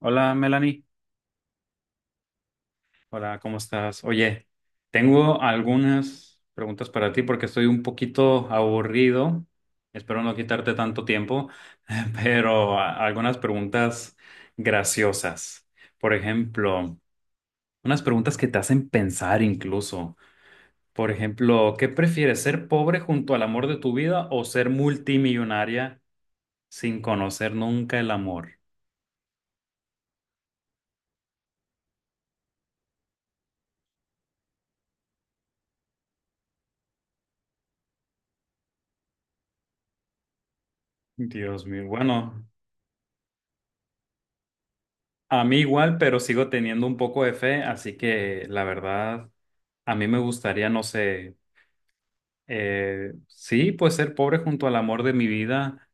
Hola Melanie, hola, ¿cómo estás? Oye, tengo algunas preguntas para ti porque estoy un poquito aburrido, espero no quitarte tanto tiempo, pero algunas preguntas graciosas. Por ejemplo, unas preguntas que te hacen pensar incluso. Por ejemplo, ¿qué prefieres, ser pobre junto al amor de tu vida o ser multimillonaria sin conocer nunca el amor? Dios mío, bueno. A mí igual, pero sigo teniendo un poco de fe, así que la verdad, a mí me gustaría, no sé, sí, pues ser pobre junto al amor de mi vida,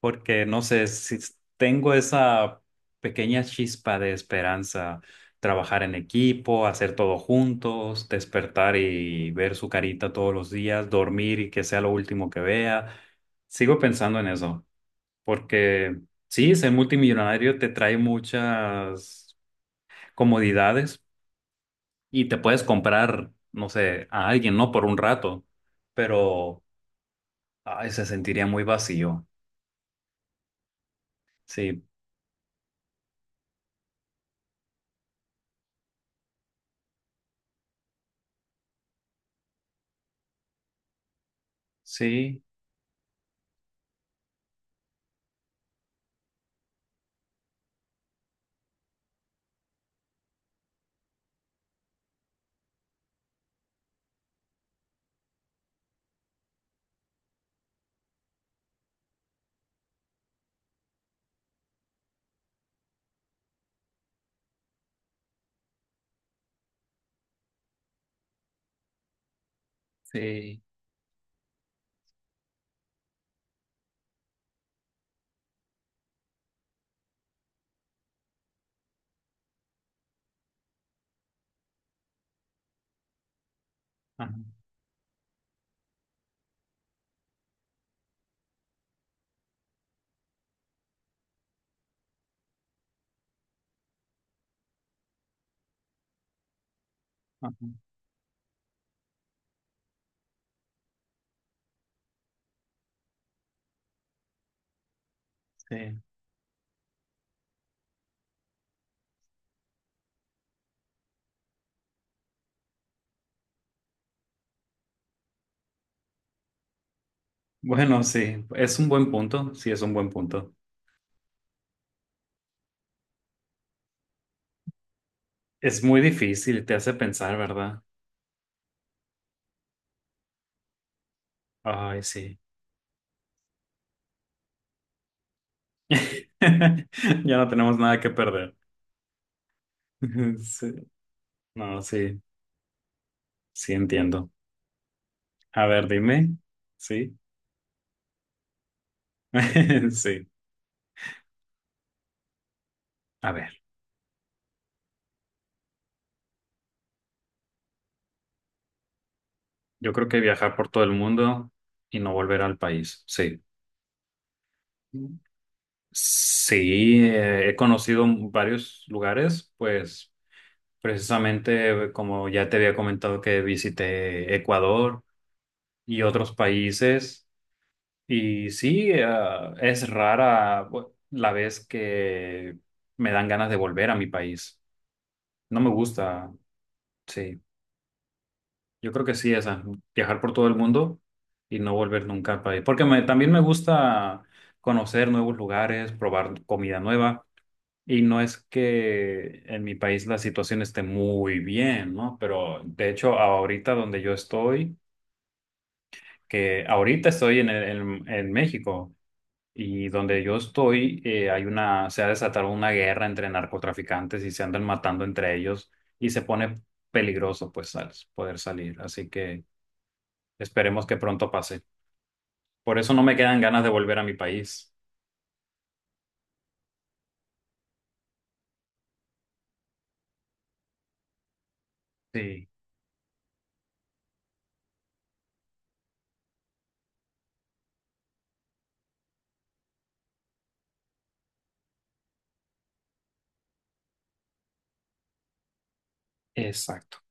porque no sé, si tengo esa pequeña chispa de esperanza, trabajar en equipo, hacer todo juntos, despertar y ver su carita todos los días, dormir y que sea lo último que vea. Sigo pensando en eso, porque sí, ser multimillonario te trae muchas comodidades y te puedes comprar, no sé, a alguien, ¿no? Por un rato, pero ay, se sentiría muy vacío. Sí, sí, sí. Ajá, ajá, sí. Bueno, sí, es un buen punto, sí, es un buen punto. Es muy difícil, te hace pensar, ¿verdad? Ay, sí. Ya no tenemos nada que perder. Sí. No, sí, sí entiendo. A ver, dime. Sí, sí. A ver. Yo creo que viajar por todo el mundo y no volver al país. Sí. Sí, he conocido varios lugares, pues precisamente como ya te había comentado que visité Ecuador y otros países. Y sí, es rara la vez que me dan ganas de volver a mi país. No me gusta, sí. Yo creo que sí, esa, viajar por todo el mundo y no volver nunca al país. Porque también me gusta conocer nuevos lugares, probar comida nueva. Y no es que en mi país la situación esté muy bien, ¿no? Pero de hecho, ahorita donde yo estoy, que ahorita estoy en México y donde yo estoy, hay una, se ha desatado una guerra entre narcotraficantes y se andan matando entre ellos y se pone peligroso, pues, al poder salir. Así que. Esperemos que pronto pase. Por eso no me quedan ganas de volver a mi país. Sí, exacto.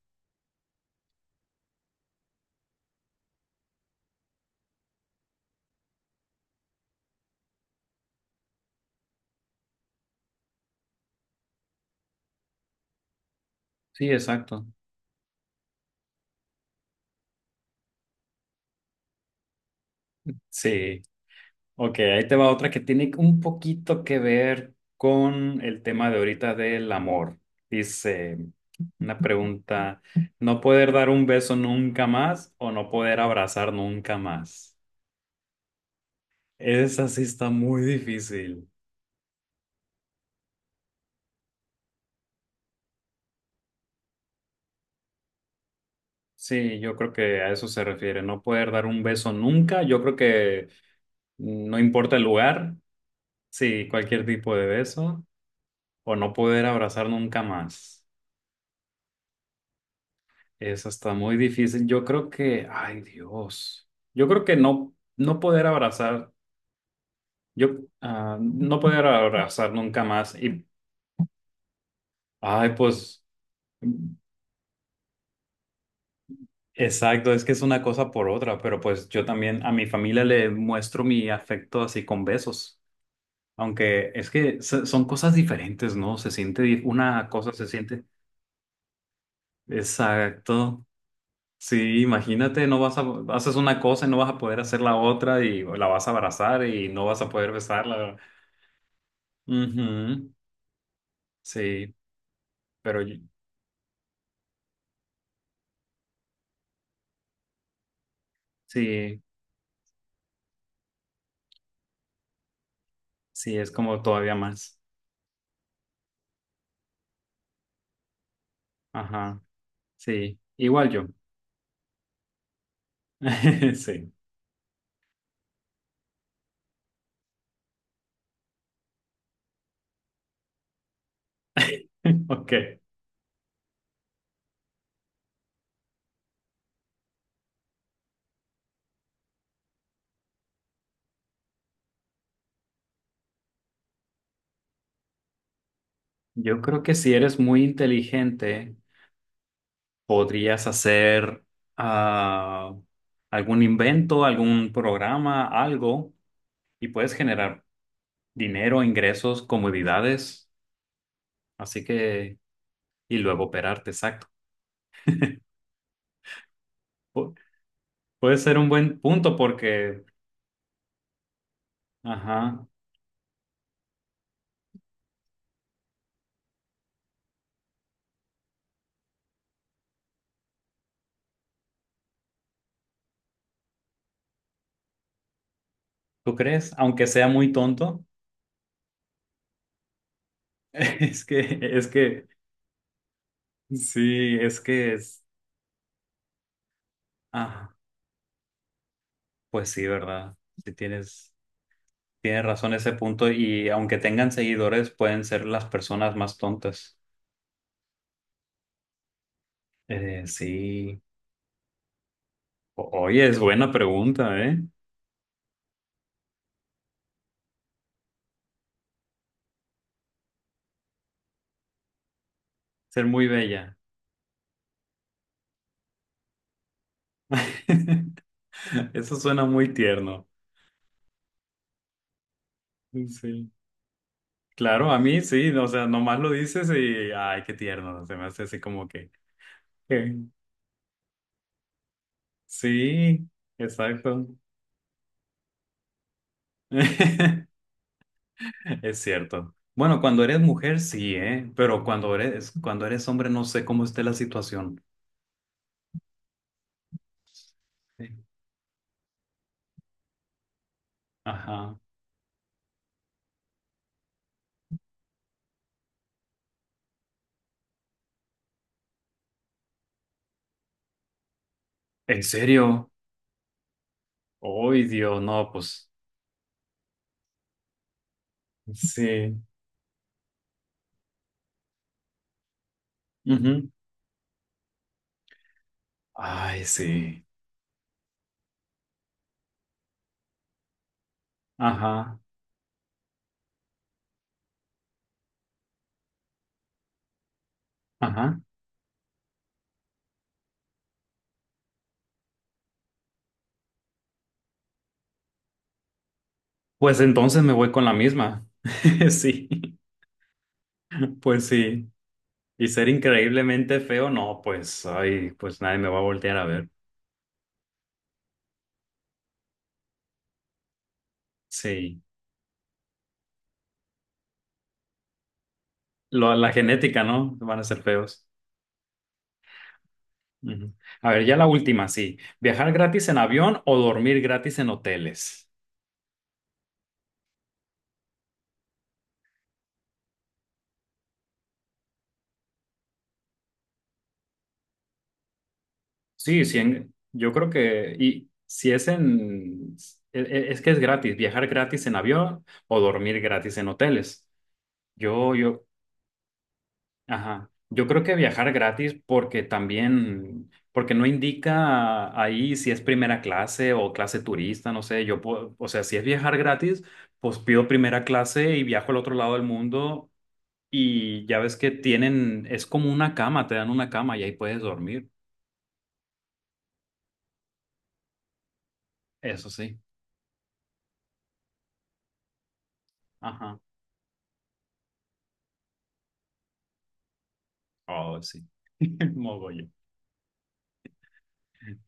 Sí, exacto. Sí. Ok, ahí te va otra que tiene un poquito que ver con el tema de ahorita del amor. Dice una pregunta, ¿no poder dar un beso nunca más o no poder abrazar nunca más? Esa sí está muy difícil. Sí, yo creo que a eso se refiere, no poder dar un beso nunca. Yo creo que no importa el lugar. Sí, cualquier tipo de beso o no poder abrazar nunca más. Eso está muy difícil. Yo creo que, ay Dios, yo creo que no, no poder abrazar, yo, no poder abrazar nunca más. Y, ay, pues, exacto, es que es una cosa por otra, pero pues yo también a mi familia le muestro mi afecto así con besos. Aunque es que son cosas diferentes, ¿no? Se siente, una cosa se siente. Exacto. Sí, imagínate, no vas a, haces una cosa y no vas a poder hacer la otra y la vas a abrazar y no vas a poder besarla. Ujú, sí, pero yo- sí, sí, es como todavía más. Ajá, sí, igual yo. Sí, ok. Yo creo que si eres muy inteligente, podrías hacer ah, algún invento, algún programa, algo, y puedes generar dinero, ingresos, comodidades. Así que... y luego operarte, exacto. Pu- puede ser un buen punto porque, ajá, ¿tú crees? Aunque sea muy tonto, es que, es que, sí, es que es, ah, pues sí, ¿verdad? Si tienes, tienes razón ese punto y aunque tengan seguidores, pueden ser las personas más tontas. Sí, oye, es buena pregunta, ¿eh? Ser muy bella. Eso suena muy tierno. Sí. Claro, a mí sí, no, o sea, nomás lo dices y, ay, qué tierno, se me hace así como que, eh, sí, exacto, es cierto. Bueno, cuando eres mujer sí, ¿eh? Pero cuando eres hombre no sé cómo esté la situación. Sí. Ajá. ¿En serio? Ay, Dios, no, pues, sí. Ujú. Ay, sí. Ajá, ajá. Pues entonces me voy con la misma. Sí, pues sí. Y ser increíblemente feo, no, pues, ay, pues nadie me va a voltear a ver. Sí. La genética, ¿no? Van a ser feos. Ujú. A ver, ya la última, sí. ¿Viajar gratis en avión o dormir gratis en hoteles? Sí, sí, yo creo que, y si es en, es que es gratis, viajar gratis en avión o dormir gratis en hoteles. Yo ajá. Yo creo que viajar gratis porque también, porque no indica ahí si es primera clase o clase turista, no sé, yo puedo, o sea, si es viajar gratis, pues pido primera clase y viajo al otro lado del mundo y ya ves que tienen, es como una cama, te dan una cama y ahí puedes dormir, eso sí. Ajá. Oh, sí. Mogollón.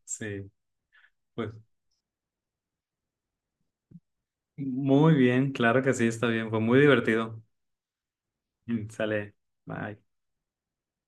Sí, pues muy bien, claro que sí, está bien, fue muy divertido. Mm, sale, bye.